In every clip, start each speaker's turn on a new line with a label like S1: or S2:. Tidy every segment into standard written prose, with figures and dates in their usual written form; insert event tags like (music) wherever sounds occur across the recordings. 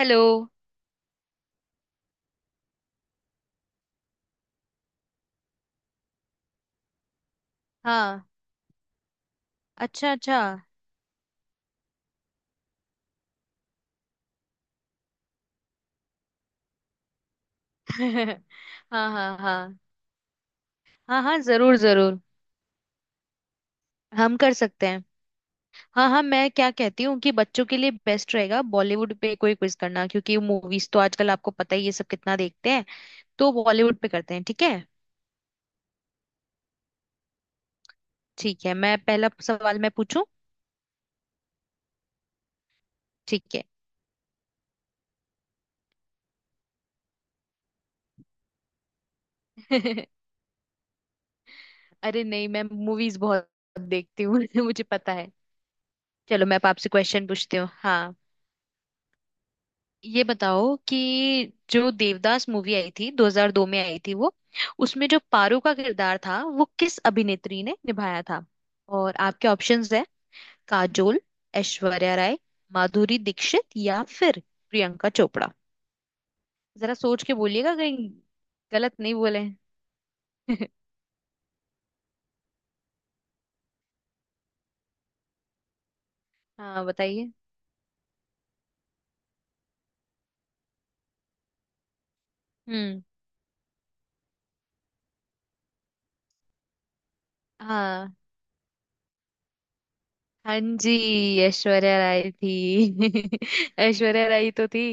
S1: Hello. हाँ। अच्छा अच्छा। (laughs) हाँ हाँ हाँ हाँ। हाँ जरूर जरूर। हम कर सकते हैं। हाँ हाँ, मैं क्या कहती हूँ कि बच्चों के लिए बेस्ट रहेगा बॉलीवुड पे कोई क्विज करना, क्योंकि मूवीज तो आजकल आपको पता ही ये सब कितना देखते हैं। तो बॉलीवुड पे करते हैं, ठीक है। ठीक है, मैं पहला सवाल मैं पूछूं। ठीक है। (laughs) अरे नहीं, मैं मूवीज बहुत देखती हूँ। (laughs) मुझे पता है। चलो, मैं अब आपसे क्वेश्चन पूछती हूँ। हाँ। ये बताओ कि जो देवदास मूवी आई थी 2002 में आई थी वो, उसमें जो पारो का किरदार था वो किस अभिनेत्री ने निभाया था। और आपके ऑप्शंस है काजोल, ऐश्वर्या राय, माधुरी दीक्षित या फिर प्रियंका चोपड़ा। जरा सोच के बोलिएगा, कहीं गलत नहीं बोले। (laughs) हाँ बताइए। हम्म। हाँ हाँ जी, ऐश्वर्या राय थी। (laughs) ऐश्वर्या राय तो थी।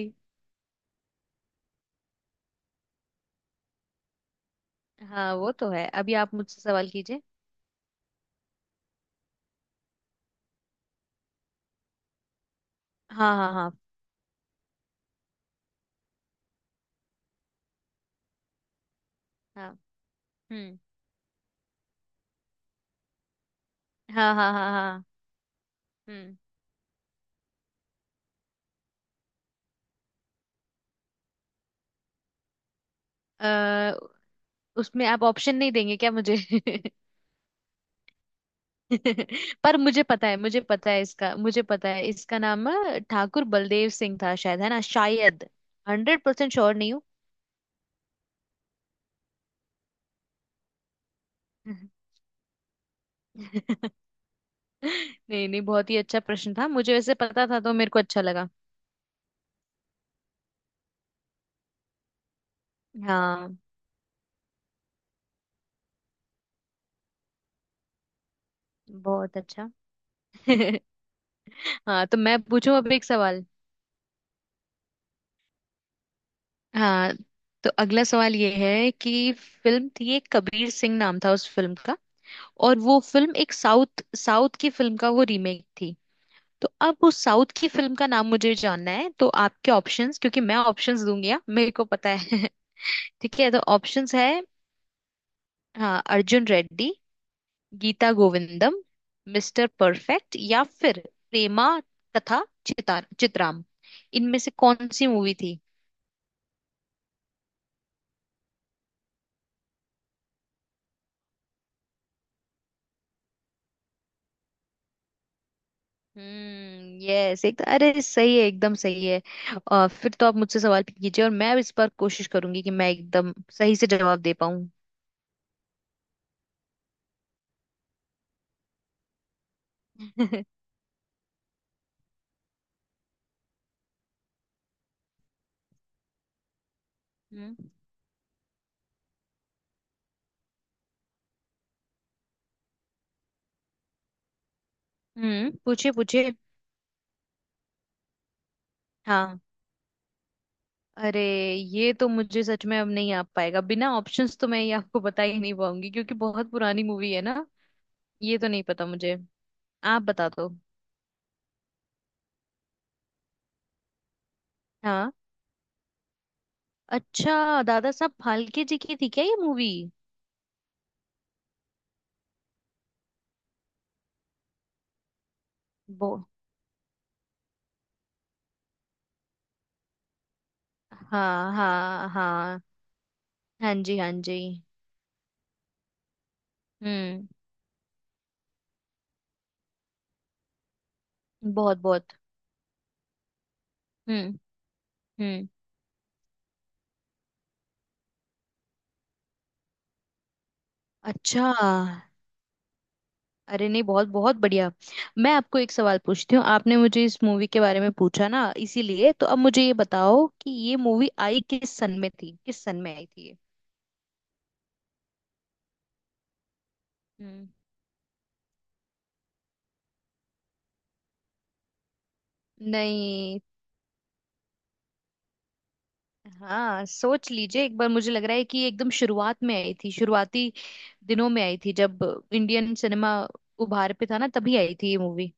S1: हाँ वो तो है। अभी आप मुझसे सवाल कीजिए। हाँ हाँ हाँ हाँ। हम्म। हाँ हाँ हाँ हाँ। हम्म। अ, उसमें आप ऑप्शन नहीं देंगे क्या मुझे। (laughs) पर मुझे पता है, मुझे पता है इसका, मुझे पता है इसका नाम ठाकुर बलदेव सिंह था शायद, है ना शायद। 100% श्योर नहीं हूँ। (laughs) नहीं नहीं, बहुत ही अच्छा प्रश्न था। मुझे वैसे पता था तो मेरे को अच्छा लगा। हाँ बहुत अच्छा। (laughs) हाँ तो मैं पूछूं अब एक सवाल। हाँ, तो अगला सवाल ये है कि फिल्म थी एक, कबीर सिंह नाम था उस फिल्म का। और वो फिल्म एक साउथ साउथ की फिल्म का वो रीमेक थी। तो अब उस साउथ की फिल्म का नाम मुझे जानना है। तो आपके ऑप्शंस, क्योंकि मैं ऑप्शंस दूंगी। हाँ, मेरे को पता है। (laughs) ठीक है, तो ऑप्शंस है। हाँ, अर्जुन रेड्डी, गीता गोविंदम, मिस्टर परफेक्ट या फिर प्रेमा तथा चिता चित्राम। इनमें से कौन सी मूवी थी। हम्म, यस। एक तो, अरे सही है, एकदम सही है। और फिर तो आप मुझसे सवाल कीजिए, और मैं अब इस बार कोशिश करूंगी कि मैं एकदम सही से जवाब दे पाऊं। (laughs) हम्म। पूछिए पूछिए। हाँ अरे, ये तो मुझे सच में अब नहीं आ पाएगा। बिना ऑप्शंस तो मैं ये आपको बता ही नहीं पाऊंगी, क्योंकि बहुत पुरानी मूवी है ना। ये तो नहीं पता मुझे। आप बता दो। हाँ अच्छा, दादा साहब फाल्के जी की थी क्या ये मूवी। वो हाँ हाँ हाँ। हाँ जी हाँ जी। हम्म बहुत बहुत। हम्म हम्म। अच्छा। अरे नहीं, बहुत बहुत बढ़िया। मैं आपको एक सवाल पूछती हूँ, आपने मुझे इस मूवी के बारे में पूछा ना इसीलिए। तो अब मुझे ये बताओ कि ये मूवी आई किस सन में थी, किस सन में आई थी ये। हम्म। नहीं। हाँ सोच लीजिए एक बार, मुझे लग रहा है कि ये एकदम शुरुआत में आई थी, शुरुआती दिनों में आई थी जब इंडियन सिनेमा उभार पे था ना, तभी आई थी ये मूवी।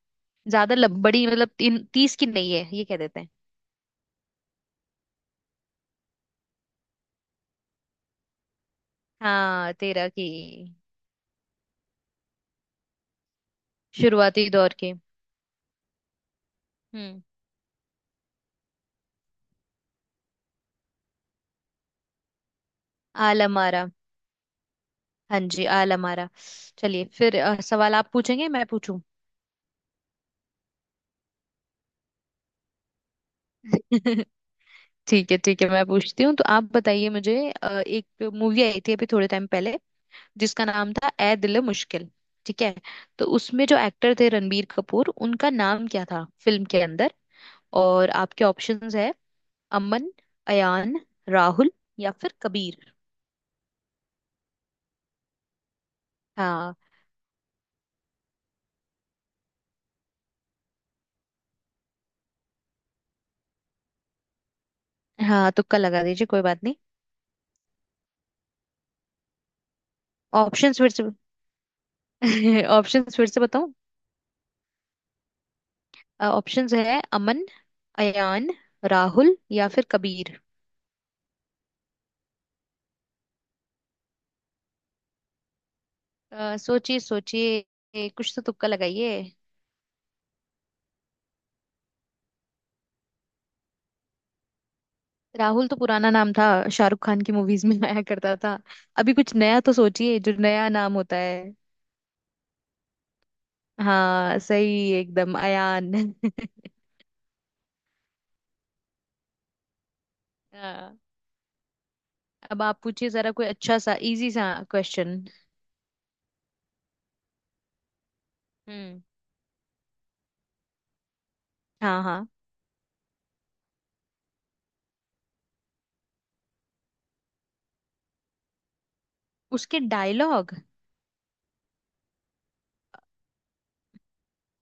S1: ज्यादा बड़ी, मतलब तीन 30 की नहीं है ये, कह देते हैं। हाँ 13 की। शुरुआती दौर की। हम्म। आलम आरा। हाँ जी, आल हमारा। चलिए फिर। सवाल आप पूछेंगे, मैं पूछूं। (laughs) ठीक है ठीक है, मैं पूछती हूँ तो आप बताइए मुझे। एक मूवी आई थी अभी थोड़े टाइम पहले, जिसका नाम था ए दिल मुश्किल। ठीक है, तो उसमें जो एक्टर थे रणबीर कपूर, उनका नाम क्या था फिल्म के अंदर। और आपके ऑप्शंस है अमन, अयान, राहुल या फिर कबीर। हाँ हाँ, तुक्का लगा दीजिए, कोई बात नहीं। ऑप्शंस फिर से। (laughs) ऑप्शंस फिर से बताऊं। ऑप्शंस है अमन, अयान, राहुल या फिर कबीर। सोचिए सोचिए। कुछ तो तुक्का लगाइए। राहुल तो पुराना नाम था, शाहरुख खान की मूवीज में आया करता था। अभी कुछ नया तो सोचिए, जो नया नाम होता है। हाँ सही एकदम, अयान। (laughs) हाँ। अब आप पूछिए जरा कोई अच्छा सा इजी सा क्वेश्चन। हम्म हाँ हाँ। उसके डायलॉग।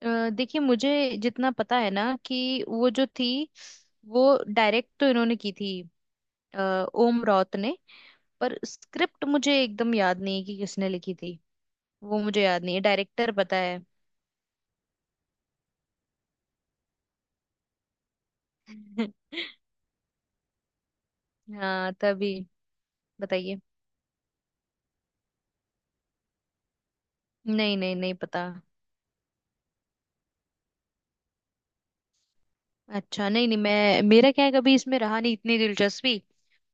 S1: देखिए, मुझे जितना पता है ना कि वो जो थी, वो डायरेक्ट तो इन्होंने की थी, ओम रॉथ ने, पर स्क्रिप्ट मुझे एकदम याद नहीं है कि किसने लिखी थी। वो मुझे याद नहीं है, डायरेक्टर पता है। (laughs) हाँ तभी। बताइए। नहीं नहीं, नहीं पता। अच्छा नहीं नहीं, मैं, मेरा क्या है, कभी इसमें रहा नहीं इतनी दिलचस्पी।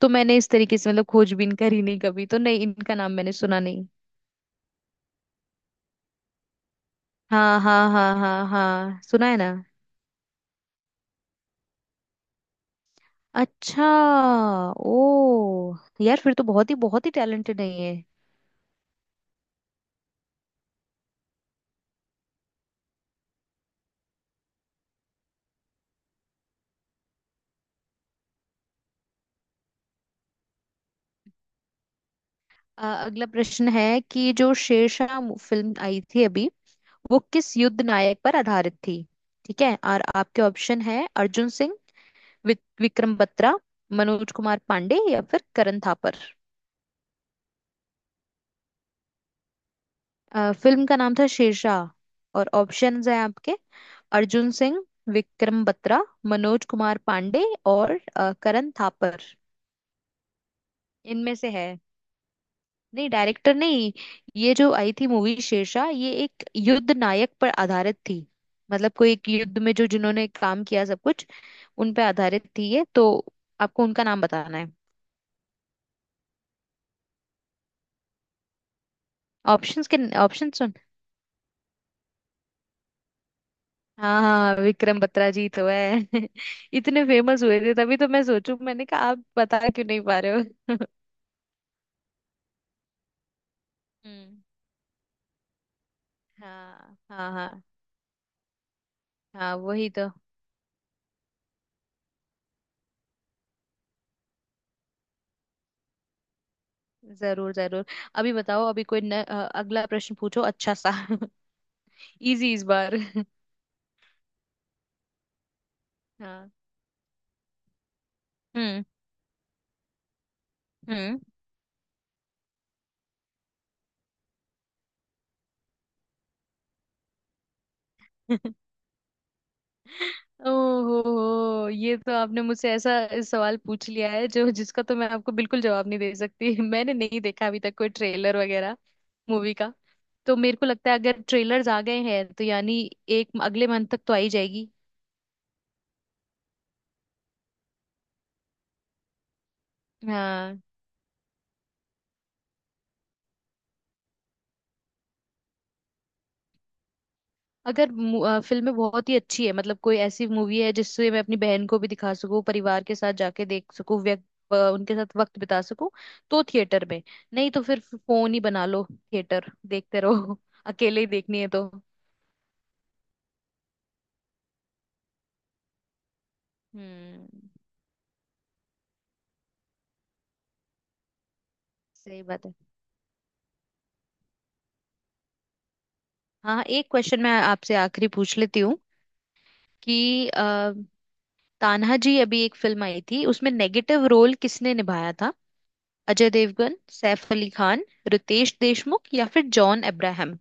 S1: तो मैंने इस तरीके से मतलब खोजबीन करी नहीं कभी, तो नहीं, इनका नाम मैंने सुना नहीं। हाँ हाँ हाँ हाँ हाँ सुना है ना। अच्छा ओ, यार फिर तो बहुत ही टैलेंटेड है ये। अगला प्रश्न है कि जो शेरशाह फिल्म आई थी अभी, वो किस युद्ध नायक पर आधारित थी। ठीक है, और आपके ऑप्शन है अर्जुन सिंह, विक्रम बत्रा, मनोज कुमार पांडे या फिर करण थापर। फिल्म का नाम था शेरशाह और ऑप्शंस हैं आपके अर्जुन सिंह, विक्रम बत्रा, मनोज कुमार पांडे और करण थापर। इनमें से है। नहीं, डायरेक्टर नहीं। ये जो आई थी मूवी शेरशाह, ये एक युद्ध नायक पर आधारित थी। मतलब कोई एक युद्ध में जो जिन्होंने काम किया सब कुछ, उन पे आधारित थी ये तो। आपको उनका नाम बताना है। ऑप्शंस के। ऑप्शन सुन। हाँ हाँ, विक्रम बत्रा जी तो है। (laughs) इतने फेमस हुए थे, तभी तो मैं सोचू, मैंने कहा आप बता क्यों नहीं पा रहे हो। (laughs) हम्म। हाँ हाँ हाँ हाँ वही तो। जरूर जरूर। अभी बताओ, अभी कोई न, अ, अगला प्रश्न पूछो अच्छा सा। (laughs) इजी इस बार। (laughs) हाँ। हम्म हम्म। (laughs) ओहो हो, ये तो आपने मुझसे ऐसा सवाल पूछ लिया है जो, जिसका तो मैं आपको बिल्कुल जवाब नहीं दे सकती। (laughs) मैंने नहीं देखा अभी तक कोई ट्रेलर वगैरह मूवी का। तो मेरे को लगता है अगर ट्रेलर्स आ गए हैं तो यानी एक अगले मंथ तक तो आ ही जाएगी। हाँ। अगर फिल्में बहुत ही अच्छी है, मतलब कोई ऐसी मूवी है जिससे मैं अपनी बहन को भी दिखा सकूं, परिवार के साथ जाके देख सकूं, व्यक्त उनके साथ वक्त बिता सकूं, तो थिएटर में। नहीं तो फिर फोन ही बना लो, थिएटर देखते रहो। (laughs) अकेले ही देखनी है तो। हम्म सही बात है। हाँ एक क्वेश्चन मैं आपसे आखिरी पूछ लेती हूँ कि तान्हा जी, अभी एक फिल्म आई थी, उसमें नेगेटिव रोल किसने निभाया था। अजय देवगन, सैफ अली खान, रितेश देशमुख या फिर जॉन अब्राहम।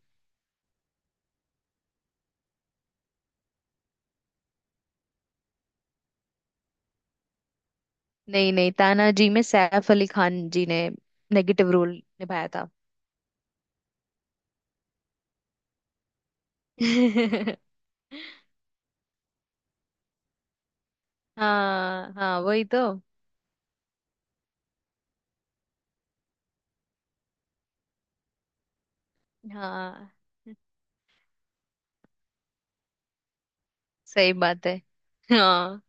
S1: नहीं नहीं, तानाजी में सैफ अली खान जी ने नेगेटिव रोल निभाया था। (laughs) हाँ हाँ वही तो। हाँ सही बात है। हाँ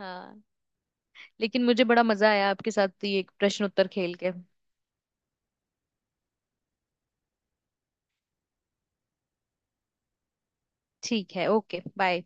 S1: हाँ, लेकिन मुझे बड़ा मजा आया आपके साथ ये प्रश्न उत्तर खेल के। ठीक है, ओके बाय।